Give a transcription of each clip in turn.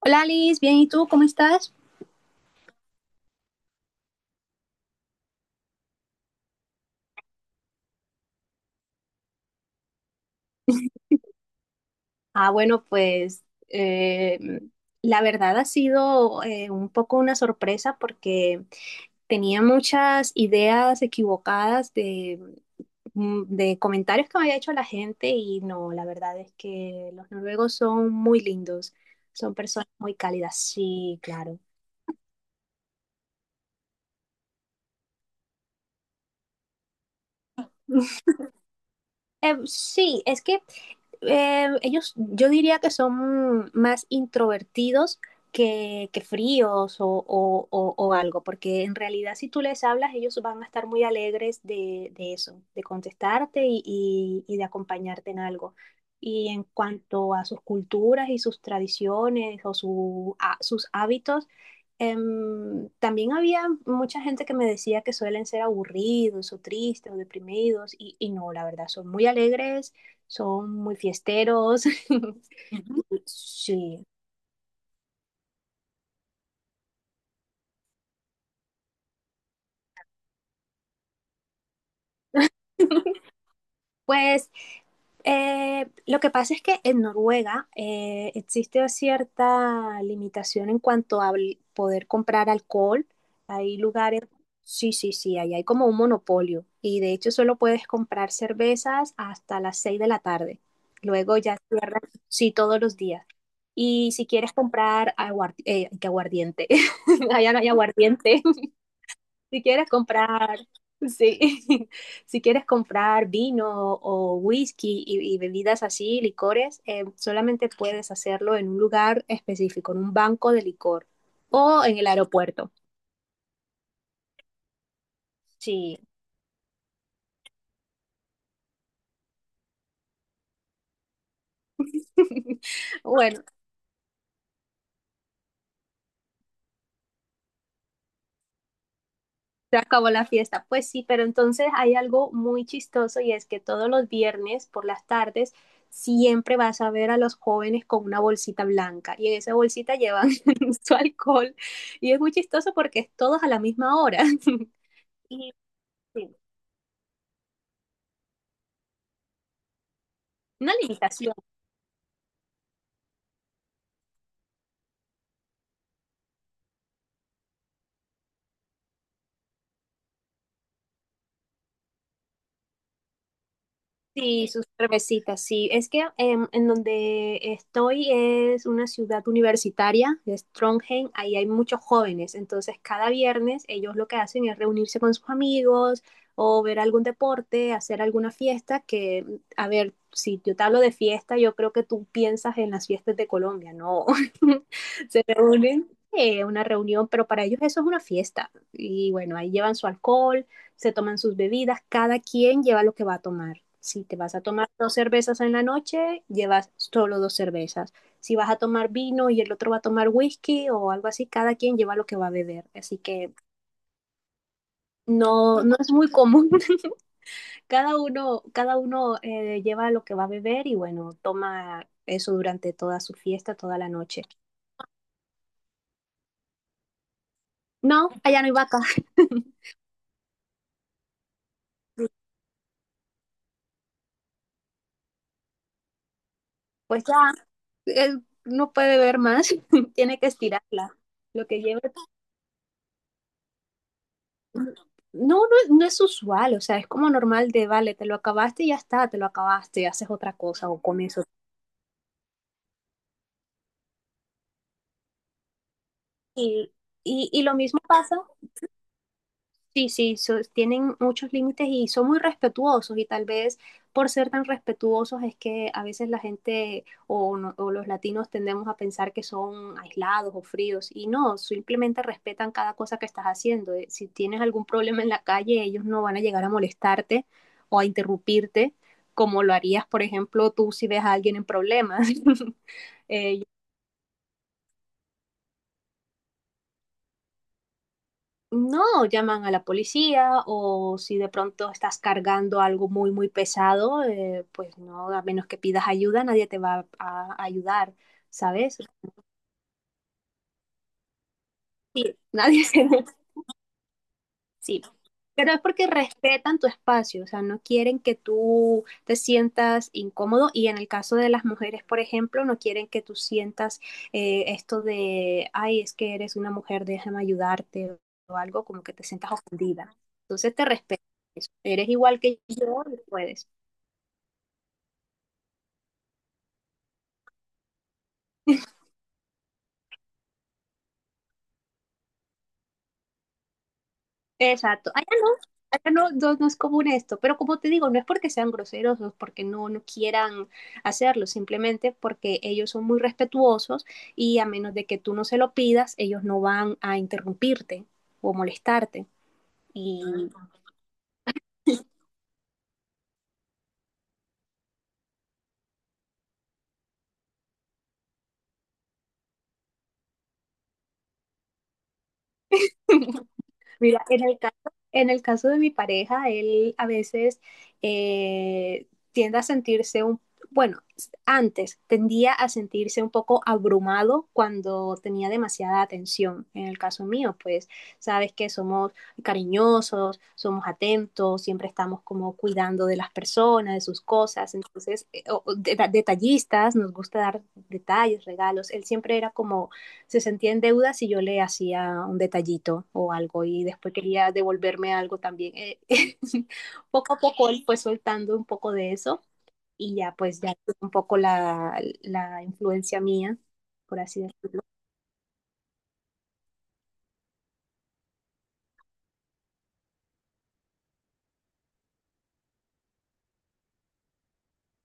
Hola Alice, bien, ¿y tú cómo estás? Ah, bueno, pues eh, la verdad ha sido un poco una sorpresa porque tenía muchas ideas equivocadas de comentarios que me había hecho la gente y no, la verdad es que los noruegos son muy lindos, son personas muy cálidas, sí, claro. Sí, es que ellos, yo diría que son más introvertidos que fríos o algo, porque en realidad si tú les hablas, ellos van a estar muy alegres de eso, de contestarte y de acompañarte en algo. Y en cuanto a sus culturas y sus tradiciones o sus hábitos, también había mucha gente que me decía que suelen ser aburridos o tristes o deprimidos y no, la verdad, son muy alegres, son muy fiesteros. Sí. Pues lo que pasa es que en Noruega existe cierta limitación en cuanto a poder comprar alcohol. Hay lugares, sí, sí, sí, ahí hay como un monopolio y de hecho solo puedes comprar cervezas hasta las 6 de la tarde. Luego ya cierran, sí, todos los días. Y si quieres comprar aguardi- que aguardiente. Allá no hay aguardiente. Si quieres comprar, sí, si quieres comprar vino o whisky y bebidas así, licores, solamente puedes hacerlo en un lugar específico, en un banco de licor o en el aeropuerto. Sí. Bueno. Se acabó la fiesta. Pues sí, pero entonces hay algo muy chistoso y es que todos los viernes por las tardes siempre vas a ver a los jóvenes con una bolsita blanca y en esa bolsita llevan su alcohol y es muy chistoso porque es todos a la misma hora. Y sí, una limitación. Sí, sus cervecitas, sí. Es que en donde estoy es una ciudad universitaria, es Trondheim, ahí hay muchos jóvenes, entonces cada viernes ellos lo que hacen es reunirse con sus amigos o ver algún deporte, hacer alguna fiesta, que, a ver, si yo te hablo de fiesta, yo creo que tú piensas en las fiestas de Colombia, ¿no? O una reunión, pero para ellos eso es una fiesta. Y bueno, ahí llevan su alcohol, se toman sus bebidas, cada quien lleva lo que va a tomar. Si te vas a tomar dos cervezas en la noche, llevas solo dos cervezas. Si vas a tomar vino y el otro va a tomar whisky o algo así, cada quien lleva lo que va a beber. Así que no, no es muy común. Cada uno lleva lo que va a beber y bueno, toma eso durante toda su fiesta, toda la noche. No, allá no hay vaca. Pues ya, él no puede ver más. Tiene que estirarla. Lo que lleva... No, no, no es usual, o sea, es como normal de, vale, te lo acabaste y ya está, te lo acabaste, haces otra cosa o con eso. Y, y lo mismo pasa. Sí, sí, tienen muchos límites y son muy respetuosos y tal vez por ser tan respetuosos es que a veces la gente o, no- o los latinos tendemos a pensar que son aislados o fríos y no, simplemente respetan cada cosa que estás haciendo. Si tienes algún problema en la calle, ellos no van a llegar a molestarte o a interrumpirte como lo harías, por ejemplo, tú si ves a alguien en problemas. Eh, No, llaman a la policía o si de pronto estás cargando algo muy, muy pesado, pues no, a menos que pidas ayuda, nadie te va a ayudar, ¿sabes? Sí, nadie se... Sí, pero es porque respetan tu espacio, o sea, no quieren que tú te sientas incómodo y en el caso de las mujeres, por ejemplo, no quieren que tú sientas esto de, ay, es que eres una mujer, déjame ayudarte o algo, como que te sientas ofendida. Entonces te respetan eso. Eres igual que yo y puedes. Exacto. Allá no, no, no es común esto, pero como te digo, no es porque sean groseros o porque no, no quieran hacerlo, simplemente porque ellos son muy respetuosos y a menos de que tú no se lo pidas, ellos no van a interrumpirte o molestarte. Y mira, en el caso de mi pareja, él a veces tiende a sentirse bueno, antes tendía a sentirse un poco abrumado cuando tenía demasiada atención. En el caso mío, pues sabes que somos cariñosos, somos atentos, siempre estamos como cuidando de las personas, de sus cosas, entonces, detallistas, nos gusta dar detalles, regalos. Él siempre era como se sentía en deuda si yo le hacía un detallito o algo y después quería devolverme algo también. Poco a poco él fue soltando un poco de eso y ya pues ya tuvo un poco la influencia mía, por así decirlo,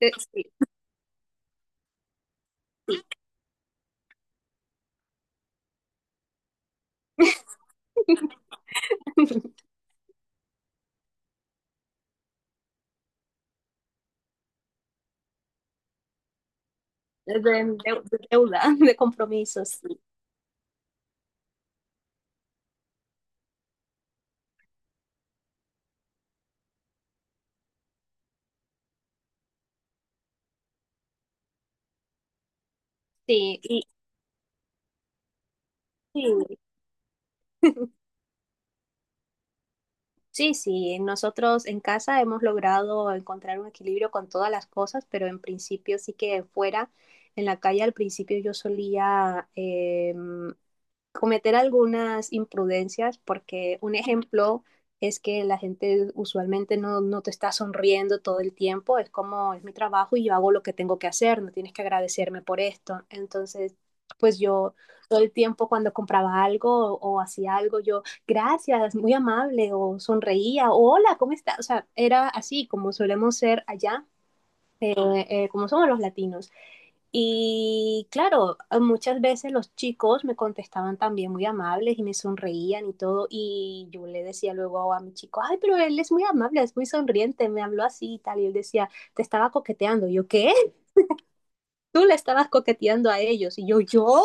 sí. de deuda, de compromisos. Sí, sí, y, sí, sí, sí, nosotros en casa hemos logrado encontrar un equilibrio con todas las cosas, pero en principio sí que fuera, en la calle al principio yo solía, cometer algunas imprudencias, porque un ejemplo es que la gente usualmente no, no te está sonriendo todo el tiempo, es como es mi trabajo y yo hago lo que tengo que hacer, no tienes que agradecerme por esto. Entonces, pues yo todo el tiempo cuando compraba algo o hacía algo, yo gracias, muy amable, o sonreía, o hola, ¿cómo está? O sea, era así como solemos ser allá, eh, como somos los latinos. Y claro, muchas veces los chicos me contestaban también muy amables y me sonreían y todo. Y yo le decía luego a mi chico, ay, pero él es muy amable, es muy sonriente, me habló así y tal. Y él decía, te estaba coqueteando. Y yo, ¿qué? Tú le estabas coqueteando a ellos. Y yo, ¿yo?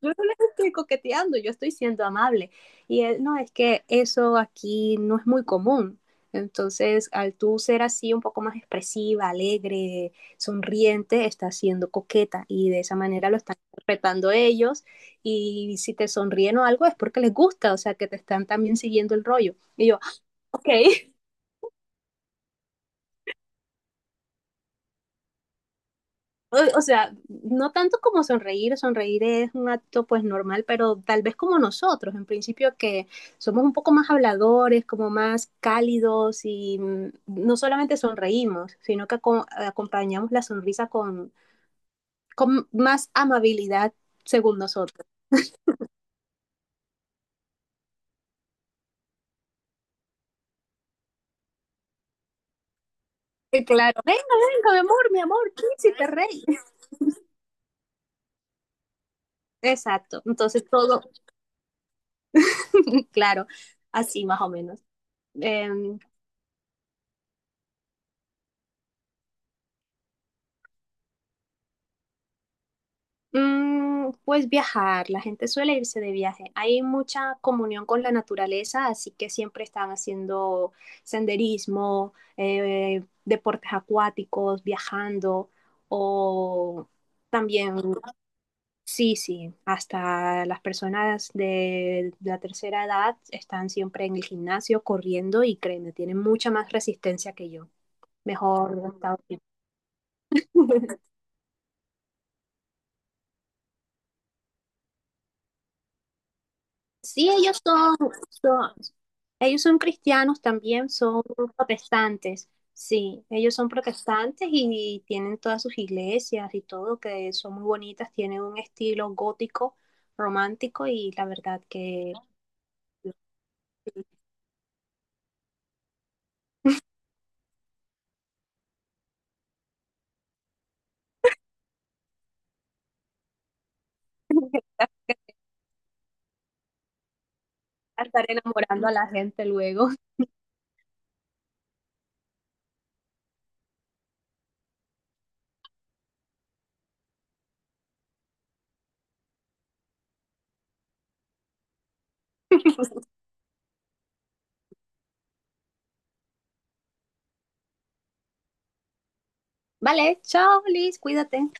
Yo no les estoy coqueteando, yo estoy siendo amable. Y él, no, es que eso aquí no es muy común. Entonces, al tú ser así un poco más expresiva, alegre, sonriente, estás siendo coqueta y de esa manera lo están interpretando ellos. Y si te sonríen o algo es porque les gusta, o sea, que te están también siguiendo el rollo. Y yo, ah, ok, o sea, no tanto como sonreír, sonreír es un acto pues normal, pero tal vez como nosotros, en principio que somos un poco más habladores, como más cálidos y no solamente sonreímos, sino que acompañamos la sonrisa con más amabilidad según nosotros. Y claro, venga, venga, mi amor, príncipe rey. Exacto, entonces todo, claro, así más o menos. Eh, pues viajar, la gente suele irse de viaje. Hay mucha comunión con la naturaleza, así que siempre están haciendo senderismo, deportes acuáticos, viajando o también, sí, sí, hasta las personas de la tercera edad están siempre en el gimnasio corriendo y créeme, tienen mucha más resistencia que yo. Mejor estado. Sí, son, ellos son cristianos también, son protestantes. Sí, ellos son protestantes y tienen todas sus iglesias y todo, que son muy bonitas, tienen un estilo gótico, romántico y la verdad que estar enamorando a la gente luego. Vale, chao, Liz, cuídate.